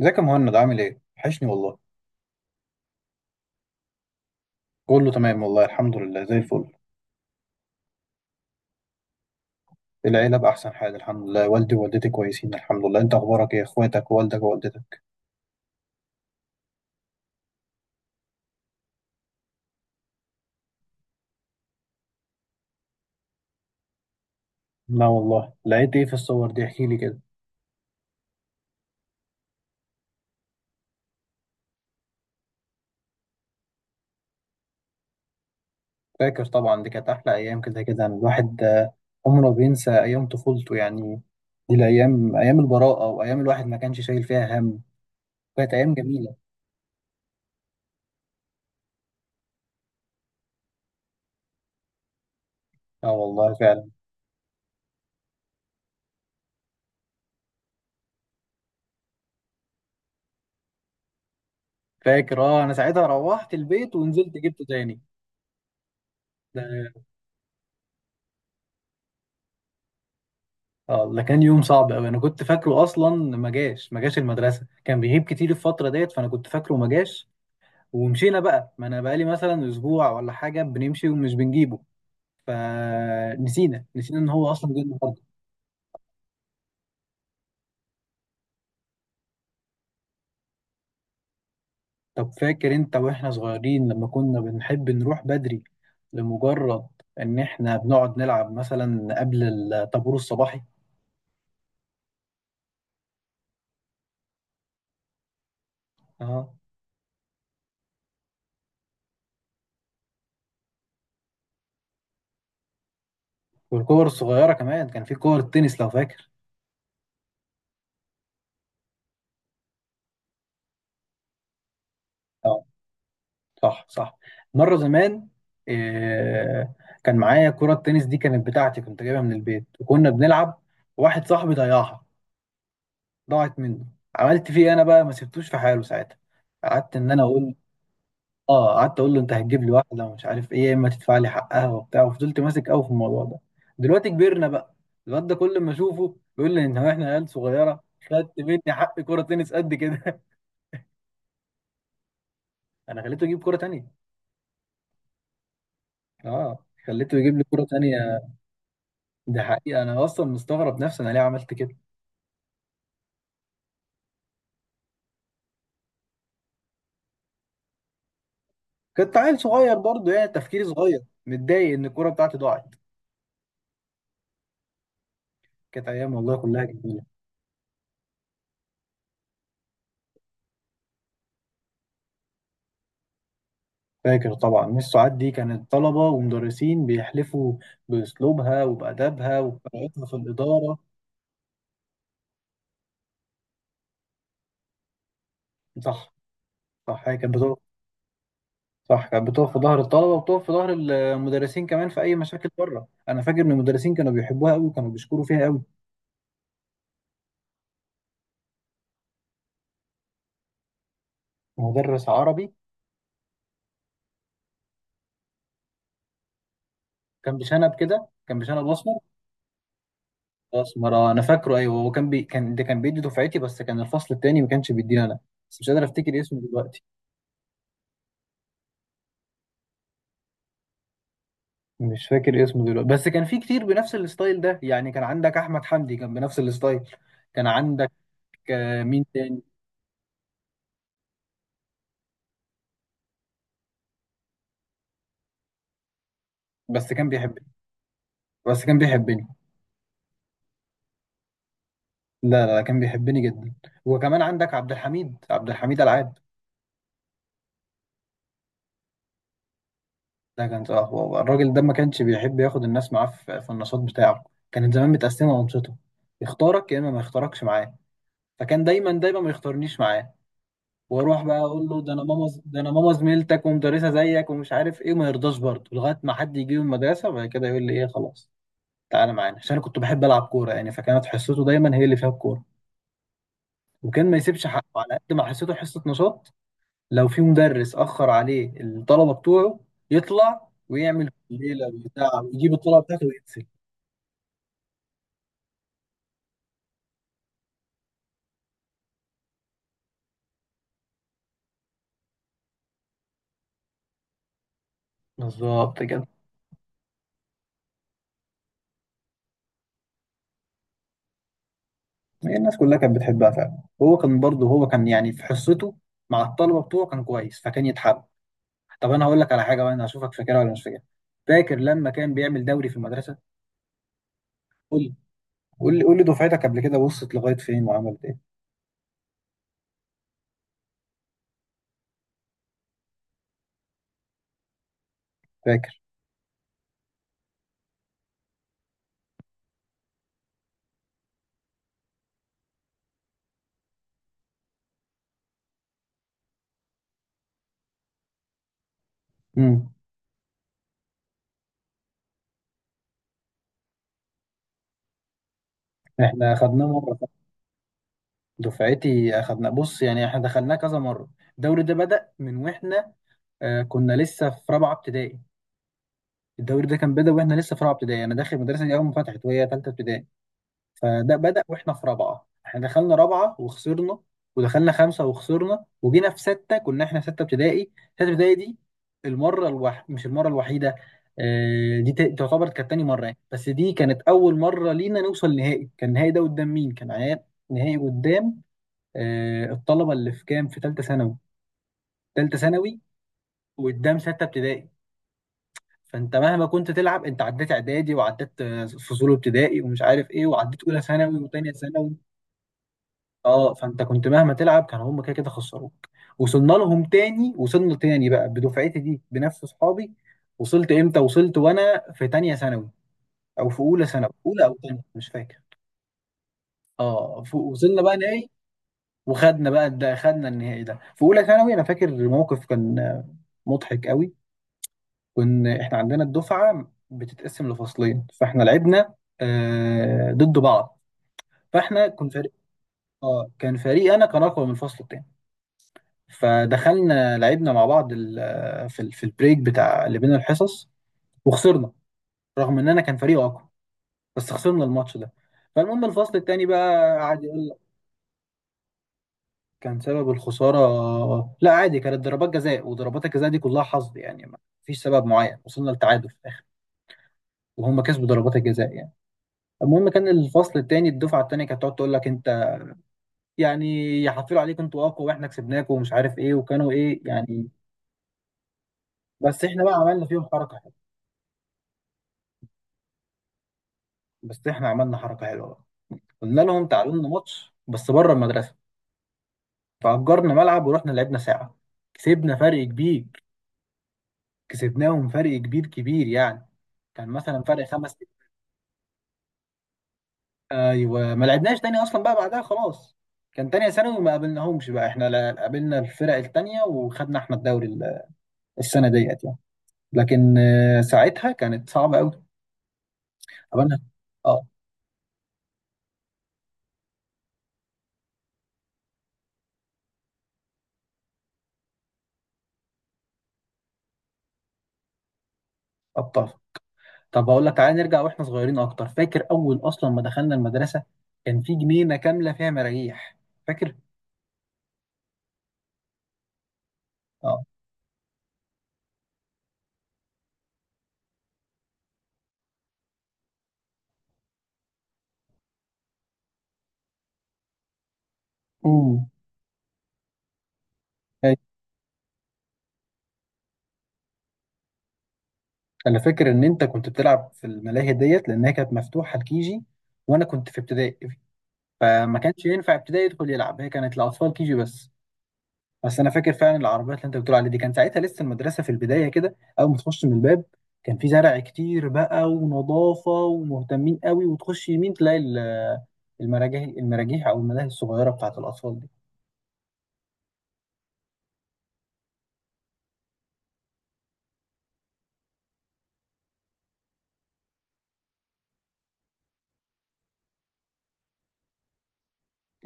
ازيك يا مهند؟ عامل ايه؟ وحشني والله. كله تمام والله، الحمد لله زي الفل. العيلة بأحسن حال الحمد لله، والدي ووالدتي كويسين الحمد لله. انت أخبارك ايه؟ اخواتك ووالدك ووالدتك؟ لا والله، لقيت ايه في الصور دي؟ احكي لي كده. فاكر طبعا، دي كانت أحلى أيام، كده كده الواحد عمره بينسى أيام طفولته يعني. دي الأيام أيام البراءة، وأيام الواحد ما كانش شايل فيها هم. كانت أيام جميلة. اه والله فعلا. فاكر، اه أنا ساعتها روحت البيت ونزلت جبته تاني. اه ده كان يوم صعب قوي، انا كنت فاكره اصلا ما جاش. ما جاش المدرسه، كان بيغيب كتير الفتره ديت، فانا كنت فاكره ما جاش. ومشينا بقى، ما انا بقالي مثلا اسبوع ولا حاجه بنمشي ومش بنجيبه، فنسينا ان هو اصلا جه النهارده. طب فاكر انت واحنا صغيرين لما كنا بنحب نروح بدري، لمجرد ان احنا بنقعد نلعب مثلا قبل الطابور الصباحي؟ اه. والكور الصغيره كمان، كان في كور التنس لو فاكر. آه. صح صح. مرة زمان، آه، كان معايا كرة التنس دي، كانت بتاعتي، كنت جايبها من البيت وكنا بنلعب. واحد صاحبي ضيعها، ضاعت منه. عملت فيه إيه انا بقى؟ ما سبتوش في حاله ساعتها. قعدت ان انا اقول. اه، قعدت اقول له انت هتجيب لي واحدة ومش عارف ايه، يا اما تدفع لي حقها وبتاع، وفضلت ماسك قوي في الموضوع ده. دلوقتي كبرنا بقى، الواد ده كل ما اشوفه بيقول لي ان هو احنا عيال صغيرة، خدت مني حق كرة تنس قد كده. انا خليته يجيب كرة تانية. اه، خليته يجيب لي كرة تانية. ده حقيقة أنا أصلا مستغرب نفسي، أنا ليه عملت كده؟ كنت عيل صغير برضه، يعني تفكيري صغير، متضايق إن الكورة بتاعتي ضاعت. كانت أيام والله كلها جميلة. فاكر طبعا، مس سعاد دي كانت طلبة ومدرسين بيحلفوا بأسلوبها وبأدبها وبطريقتها في الإدارة. صح. صح، هي كانت بتقف. صح، كانت بتقف في ظهر الطلبة وبتقف في ظهر المدرسين كمان في أي مشاكل بره. أنا فاكر إن المدرسين كانوا بيحبوها أوي وكانوا بيشكروا فيها أوي. مدرس عربي، كان بشنب كده، كان بشنب أسمر. الاسمر انا فاكره، ايوه هو، كان ده كان بيدي دفعتي، بس كان الفصل التاني ما كانش بيدينا انا. بس مش قادر افتكر اسمه دلوقتي. مش فاكر اسمه دلوقتي، بس كان في كتير بنفس الستايل ده يعني. كان عندك احمد حمدي كان بنفس الستايل. كان عندك آه، مين تاني. بس كان بيحبني. بس كان بيحبني. لا لا لا، كان بيحبني جدا. وكمان عندك عبد الحميد، عبد الحميد العاد. ده كان اه، هو الراجل ده ما كانش بيحب ياخد الناس معاه في النشاط بتاعه. كانت زمان متقسمه انشطه، يختارك يا اما ما يختاركش معاه. فكان دايما دايما ما يختارنيش معاه. واروح بقى اقول له ده انا ماما، ده انا ماما زميلتك ومدرسه زيك ومش عارف ايه، وما يرضاش برضه لغايه ما حد يجي من المدرسه، وبعد كده يقول لي ايه خلاص، تعالى معانا. عشان انا كنت بحب العب كوره يعني، فكانت حصته دايما هي اللي فيها الكوره، وكان ما يسيبش حقه على قد ما حصته حصه نشاط. لو في مدرس اخر عليه الطلبه بتوعه، يطلع ويعمل ليله بتاع ويجيب الطلبه بتاعته ويقتل. بالظبط كده. هي الناس كلها كانت بتحبها فعلا، هو كان برضه، هو كان يعني في حصته مع الطلبه بتوعه كان كويس، فكان يتحب. طب انا هقول لك على حاجه بقى، انا هشوفك فاكرها ولا مش فاكرها. فاكر لما كان بيعمل دوري في المدرسه؟ قول لي، قول لي دفعتك قبل كده وصلت لغايه فين وعملت ايه؟ فاكر. امم. احنا اخدناه مره. دفعتي اخدنا، بص يعني احنا دخلناه كذا مره. الدوري ده بدأ من واحنا، آه كنا لسه في رابعه ابتدائي. الدوري ده كان بدأ واحنا لسه في رابعه ابتدائي، انا داخل المدرسه دي اول ما فتحت وهي ثالثه ابتدائي. فده بدأ واحنا في رابعة، احنا دخلنا رابعة وخسرنا، ودخلنا خمسة وخسرنا، وجينا في ستة، كنا احنا في ستة ابتدائي. ستة ابتدائي دي مش المرة الوحيدة، دي تعتبر كانت تاني مرة يعني. بس دي كانت أول مرة لينا نوصل نهائي. كان النهائي ده قدام مين؟ كان عيال. نهائي قدام الطلبة اللي في كام، في تالتة ثانوي. تالتة ثانوي وقدام ستة ابتدائي. فانت مهما كنت تلعب، انت عديت اعدادي وعديت فصول ابتدائي ومش عارف ايه، وعديت اولى ثانوي وتانية ثانوي. اه فانت كنت مهما تلعب، كانوا هم كده كده خسروك. وصلنا لهم تاني، وصلنا تاني بقى بدفعتي دي بنفس اصحابي. وصلت امتى؟ وصلت وانا في تانية ثانوي، او في اولى ثانوي، اولى او تانية مش فاكر. اه، وصلنا بقى نهائي. وخدنا بقى، ده خدنا النهائي ده في اولى ثانوي. انا فاكر موقف كان مضحك قوي. كنا احنا عندنا الدفعة بتتقسم لفصلين، فاحنا لعبنا آه ضد بعض. فاحنا كنت فريق، اه كان فريق انا كان اقوى من الفصل التاني. فدخلنا لعبنا مع بعض في البريك بتاع اللي بين الحصص، وخسرنا. رغم اننا كان فريق اقوى، بس خسرنا الماتش ده. فالمهم الفصل التاني بقى قعد يقول لك كان سبب الخسارة. لا عادي، كانت ضربات جزاء، وضربات الجزاء دي كلها حظ يعني، ما فيش سبب معين. وصلنا لتعادل في الاخر، وهم كسبوا ضربات الجزاء يعني. المهم، كان الفصل التاني الدفعة التانية كانت تقعد تقول لك انت يعني يحفلوا عليكم انتوا اقوى واحنا كسبناكم ومش عارف ايه، وكانوا ايه يعني. بس احنا بقى عملنا فيهم حركة حلوة بس احنا عملنا حركة حلوة بقى. قلنا لهم تعالوا لنا ماتش بس بره المدرسه. فأجرنا ملعب ورحنا لعبنا ساعه، كسبنا فرق كبير. كسبناهم فرق كبير كبير يعني، كان مثلا فرق خمس ست. ايوه، ما لعبناش تاني اصلا بقى بعدها خلاص. كان تانية ثانوي ما قابلناهمش بقى احنا، قابلنا الفرق التانية وخدنا احنا الدوري السنة ديت يعني. لكن ساعتها كانت صعبة قوي. قابلنا، اه ابطال. طب اقول لك تعالى نرجع واحنا صغيرين اكتر. فاكر اول اصلا ما دخلنا المدرسة، كان في جنينة كاملة فيها مراجيح؟ فاكر؟ آه. امم. أي. انا فاكر ان انت كنت بتلعب في الملاهي ديت لانها كانت مفتوحه لكيجي، وانا كنت في ابتدائي، فما كانش ينفع ابتدائي يدخل يلعب، هي كانت لاطفال كيجي بس. بس انا فاكر فعلا العربيات اللي انت بتقول عليها دي، كان ساعتها لسه المدرسه في البدايه كده، اول ما تخش من الباب كان في زرع كتير بقى ونظافه ومهتمين قوي، وتخش يمين تلاقي المراجيح، المراجيح او الملاهي الصغيره بتاعت الاطفال دي.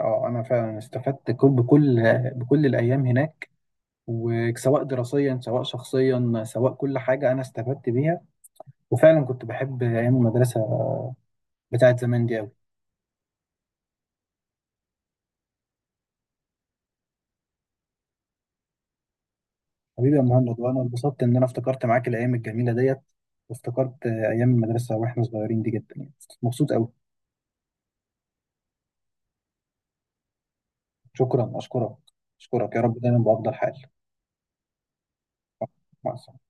اه انا فعلا استفدت بكل، بكل الايام هناك، وسواء دراسيا سواء شخصيا سواء كل حاجة أنا استفدت بيها. وفعلا كنت بحب أيام المدرسة بتاعت زمان دي أوي. حبيبي يا مهند، وأنا اتبسطت إن أنا افتكرت معاك الأيام الجميلة ديت، وافتكرت أيام المدرسة وإحنا صغيرين دي جدا يعني. مبسوط أوي. شكرا، أشكرك. أشكرك، يا رب دايما بأفضل حال. مع السلامة.